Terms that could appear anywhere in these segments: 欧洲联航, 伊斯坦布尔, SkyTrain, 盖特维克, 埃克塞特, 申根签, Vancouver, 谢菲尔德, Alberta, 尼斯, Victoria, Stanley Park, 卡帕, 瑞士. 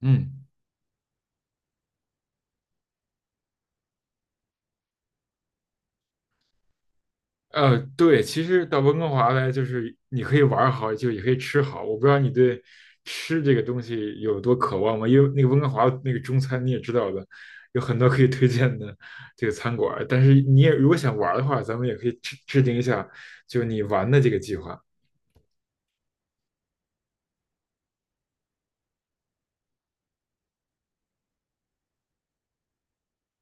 嗯，对，其实到温哥华来，就是你可以玩儿好，就也可以吃好。我不知道你对吃这个东西有多渴望吗？因为那个温哥华那个中餐你也知道的，有很多可以推荐的这个餐馆儿，但是你也如果想玩儿的话，咱们也可以制定一下，就你玩的这个计划。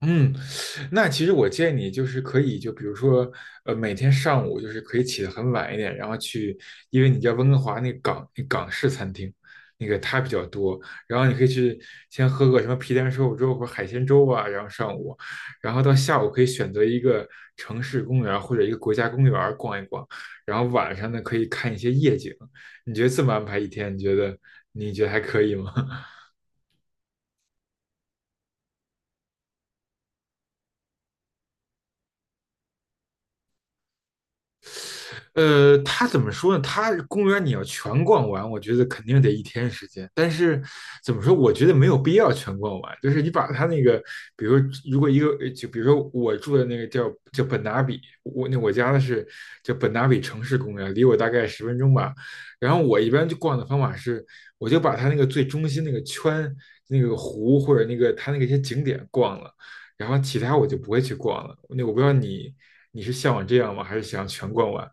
嗯，那其实我建议你就是可以，就比如说，每天上午就是可以起得很晚一点，然后去，因为你知道温哥华那港式餐厅，那个它比较多，然后你可以去先喝个什么皮蛋瘦肉粥或者海鲜粥啊，然后上午，然后到下午可以选择一个城市公园或者一个国家公园逛一逛，然后晚上呢可以看一些夜景。你觉得这么安排一天，你觉得还可以吗？它怎么说呢？它公园你要全逛完，我觉得肯定得一天时间。但是怎么说？我觉得没有必要全逛完。就是你把它那个，比如如果一个就比如说我住的那个叫本达比，我家的是叫本达比城市公园，离我大概10分钟吧。然后我一般就逛的方法是，我就把它那个最中心那个圈、那个湖或者那个它那个一些景点逛了，然后其他我就不会去逛了。那我不知道你是向往这样吗？还是想全逛完？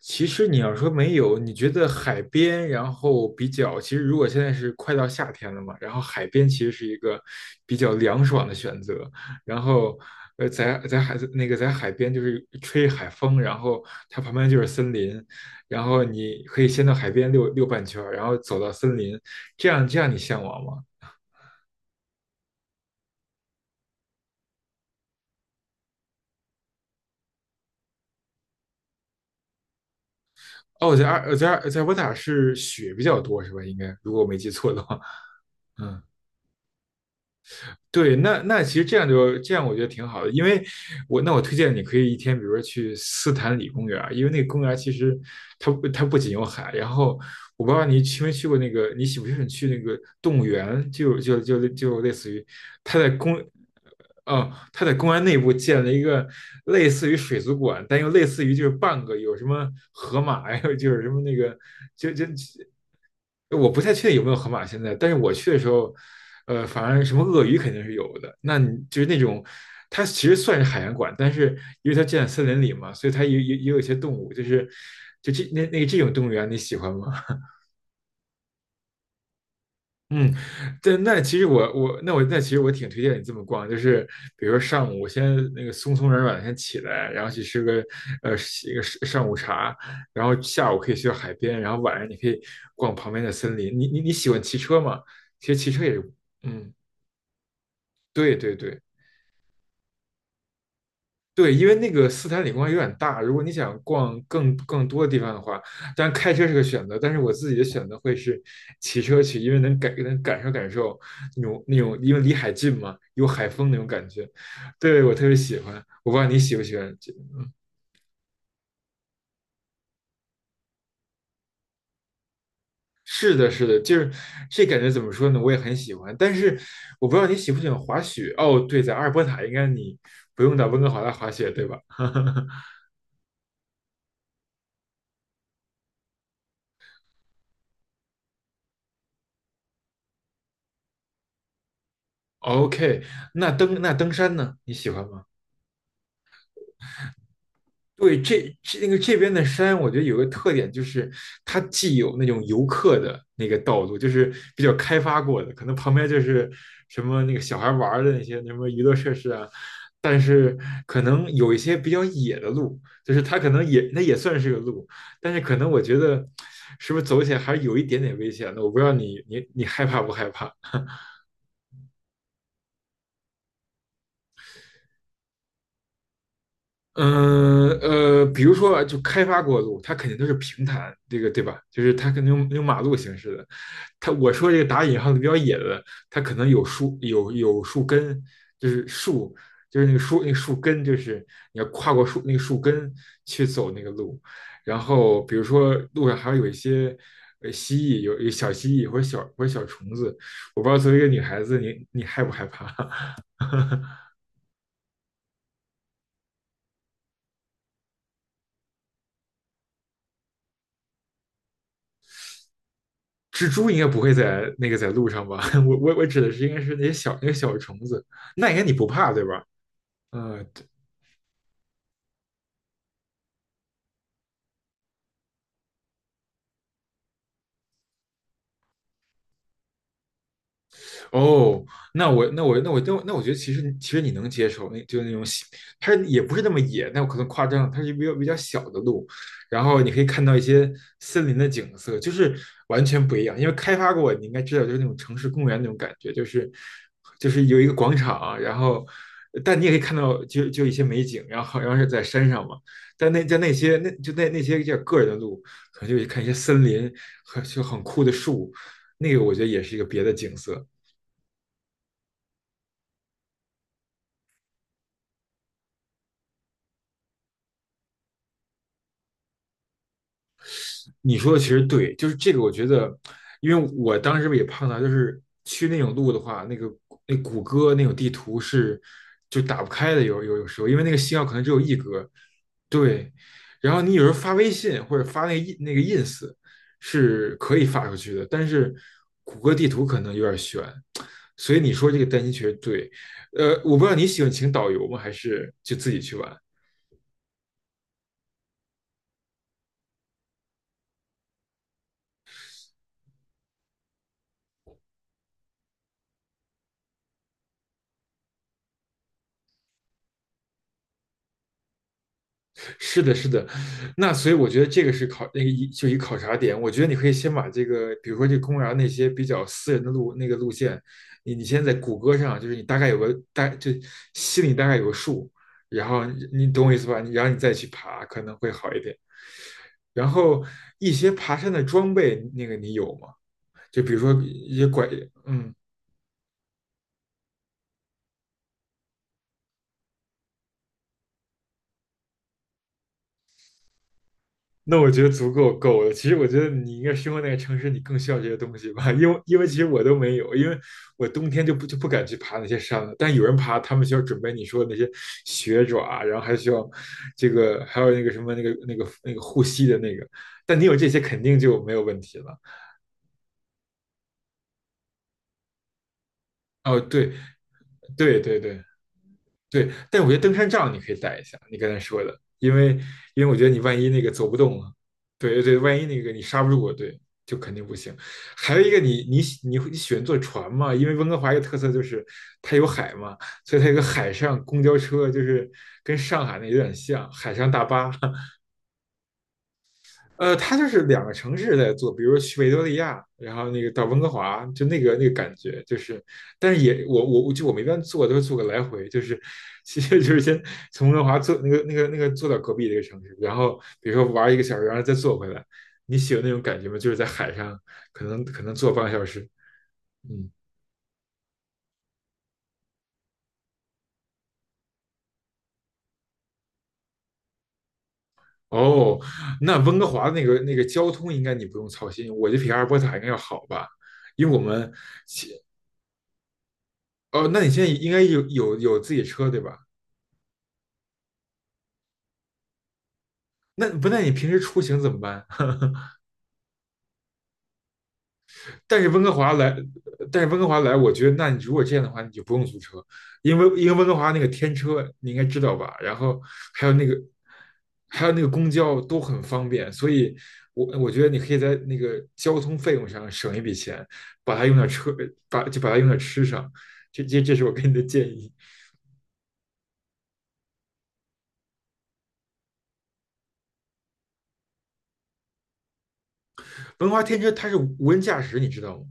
其实你要说没有，你觉得海边，然后比较，其实如果现在是快到夏天了嘛，然后海边其实是一个比较凉爽的选择。然后，在海边就是吹海风，然后它旁边就是森林，然后你可以先到海边溜溜半圈儿，然后走到森林，这样你向往吗？哦，在渥塔是雪比较多是吧？应该如果我没记错的话，嗯。对，那其实这样就这样，我觉得挺好的，因为我推荐你可以一天，比如说去斯坦里公园儿，因为那个公园儿其实它不仅有海，然后我不知道你去没去过那个，你喜不喜欢去那个动物园，就类似于它在公哦，它在公园内部建了一个类似于水族馆，但又类似于就是半个，有什么河马呀，有就是什么那个就就我不太确定有没有河马现在，但是我去的时候，反正什么鳄鱼肯定是有的。那你就是那种，它其实算是海洋馆，但是因为它建在森林里嘛，所以它也有一些动物，就是就这那那这种动物园，你喜欢吗？嗯，对，那其实我我那我那其实我挺推荐你这么逛，就是比如说上午我先那个松松软软地先起来，然后去吃个呃一个上午茶，然后下午可以去到海边，然后晚上你可以逛旁边的森林。你喜欢骑车吗？其实骑车也是，嗯，对对对。对，因为那个斯坦李光有点大，如果你想逛更多的地方的话，当然开车是个选择，但是我自己的选择会是骑车去，因为能感受感受那种，因为离海近嘛，有海风那种感觉，对，我特别喜欢。我不知道你喜不喜欢是的，是的，就是这感觉怎么说呢？我也很喜欢，但是我不知道你喜不喜欢滑雪。哦，对，在阿尔伯塔应该你不用到温哥华来滑雪，对吧？ ？OK,那登山呢？你喜欢吗？对，这这那个这边的山，我觉得有个特点就是，它既有那种游客的那个道路，就是比较开发过的，可能旁边就是什么那个小孩玩儿的那些什么娱乐设施啊，但是可能有一些比较野的路，就是它可能也算是个路，但是可能我觉得是不是走起来还是有一点点危险的，我不知道你害怕不害怕？嗯,比如说啊就开发过的路，它肯定都是平坦，这个对吧？就是它可能用马路形式的。我说这个打引号的比较野的，它可能有树根，就是树，就是那个树那个树根，就是你要跨过树那个树根去走那个路。然后比如说路上还有一些蜥蜴，有小蜥蜴或者小虫子，我不知道作为一个女孩子，你害不害怕？蜘蛛应该不会在那个在路上吧？我指的是应该是那些小虫子，那应该你不怕对吧？嗯，哦，那我觉得其实你能接受，那就是那种小，它也不是那么野，那我可能夸张，它是比较小的路，然后你可以看到一些森林的景色，就是完全不一样。因为开发过，你应该知道，就是那种城市公园那种感觉，就是有一个广场，然后但你也可以看到一些美景，然后好像是在山上嘛，但那在那些那就那那些叫个人的路，可能就看一些森林和就很酷的树，那个我觉得也是一个别的景色。你说的其实对，就是这个，我觉得，因为我当时也碰到，就是去那种路的话，那个那谷歌那种地图是就打不开的，有时候，因为那个信号可能只有1格，对。然后你有时候发微信或者发那个 ins 是可以发出去的，但是谷歌地图可能有点悬，所以你说这个担心确实对。我不知道你喜欢请导游吗，还是就自己去玩？是的，是的，那所以我觉得这个是考那个一就一考察点。我觉得你可以先把这个，比如说这公园那些比较私人的路那个路线，你先在谷歌上，就是你大概有个大就心里大概有个数，然后你懂我意思吧？然后你再去爬可能会好一点。然后一些爬山的装备，那个你有吗？就比如说一些拐，嗯，那我觉得足够了。其实我觉得你应该生活那个城市，你更需要这些东西吧，因为其实我都没有，因为我冬天就不敢去爬那些山了。但有人爬，他们需要准备你说的那些雪爪啊，然后还需要这个，还有那个什么那个护膝的那个。但你有这些肯定就没有问题了。哦，对对对对，对，但我觉得登山杖你可以带一下，你刚才说的，因为我觉得你万一那个走不动了，对对，万一那个你刹不住我，对，就肯定不行。还有一个你，你喜你会你喜欢坐船吗？因为温哥华一个特色就是它有海嘛，所以它有个海上公交车，就是跟上海那有点像，海上大巴，它就是两个城市在做，比如说去维多利亚，然后那个到温哥华，就那个感觉，就是，但是也我们一般坐都是坐个来回，就是其实就是先从温哥华坐那个坐到隔壁的一个城市，然后比如说玩一个小时，然后再坐回来。你喜欢那种感觉吗？就是在海上，可能坐半个小时。嗯，哦，那温哥华那个交通应该你不用操心，我觉得比阿尔伯塔应该要好吧，因为我们其哦，那你现在应该有自己车对吧？那不，那你平时出行怎么办？但是温哥华来，但是温哥华来，我觉得，那你如果这样的话，你就不用租车，因为温哥华那个天车你应该知道吧？然后还有那个还有那个公交都很方便，所以我觉得你可以在那个交通费用上省一笔钱，把它用到车，把就把它用到吃上。这是我给你的建议。温哥华天车它是无人驾驶，你知道吗？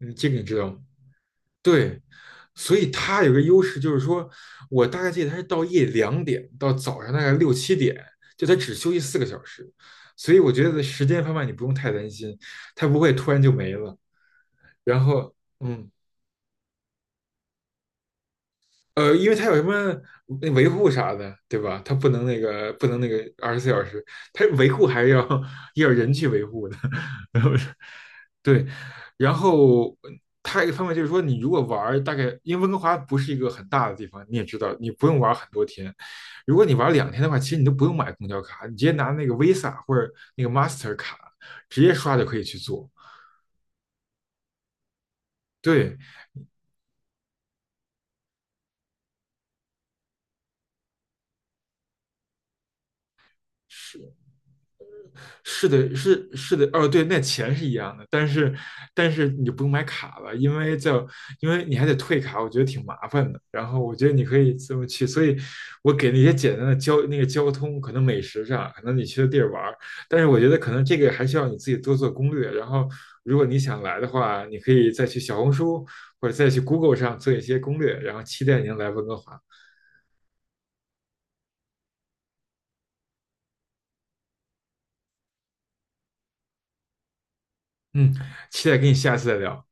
嗯，这个你知道吗？对，所以它有个优势，就是说我大概记得它是到夜里2点到早上大概六七点，就它只休息4个小时，所以我觉得时间方面你不用太担心，它不会突然就没了。然后，嗯，因为它有什么那维护啥的，对吧？它不能那个24小时，它维护还是要 要人去维护的。然后。对，然后还有一个方面就是说，你如果玩儿大概，因为温哥华不是一个很大的地方，你也知道，你不用玩儿很多天。如果你玩儿2天的话，其实你都不用买公交卡，你直接拿那个 Visa 或者那个 Master 卡直接刷就可以去做。对，是。是的，是的,哦，对，那钱是一样的，但是你不用买卡了，因为你还得退卡，我觉得挺麻烦的。然后我觉得你可以这么去，所以我给那些简单的交那个交通，可能美食上，可能你去的地儿玩儿，但是我觉得可能这个还需要你自己多做攻略。然后如果你想来的话，你可以再去小红书或者再去 Google 上做一些攻略，然后期待您来温哥华。嗯，期待跟你下次再聊。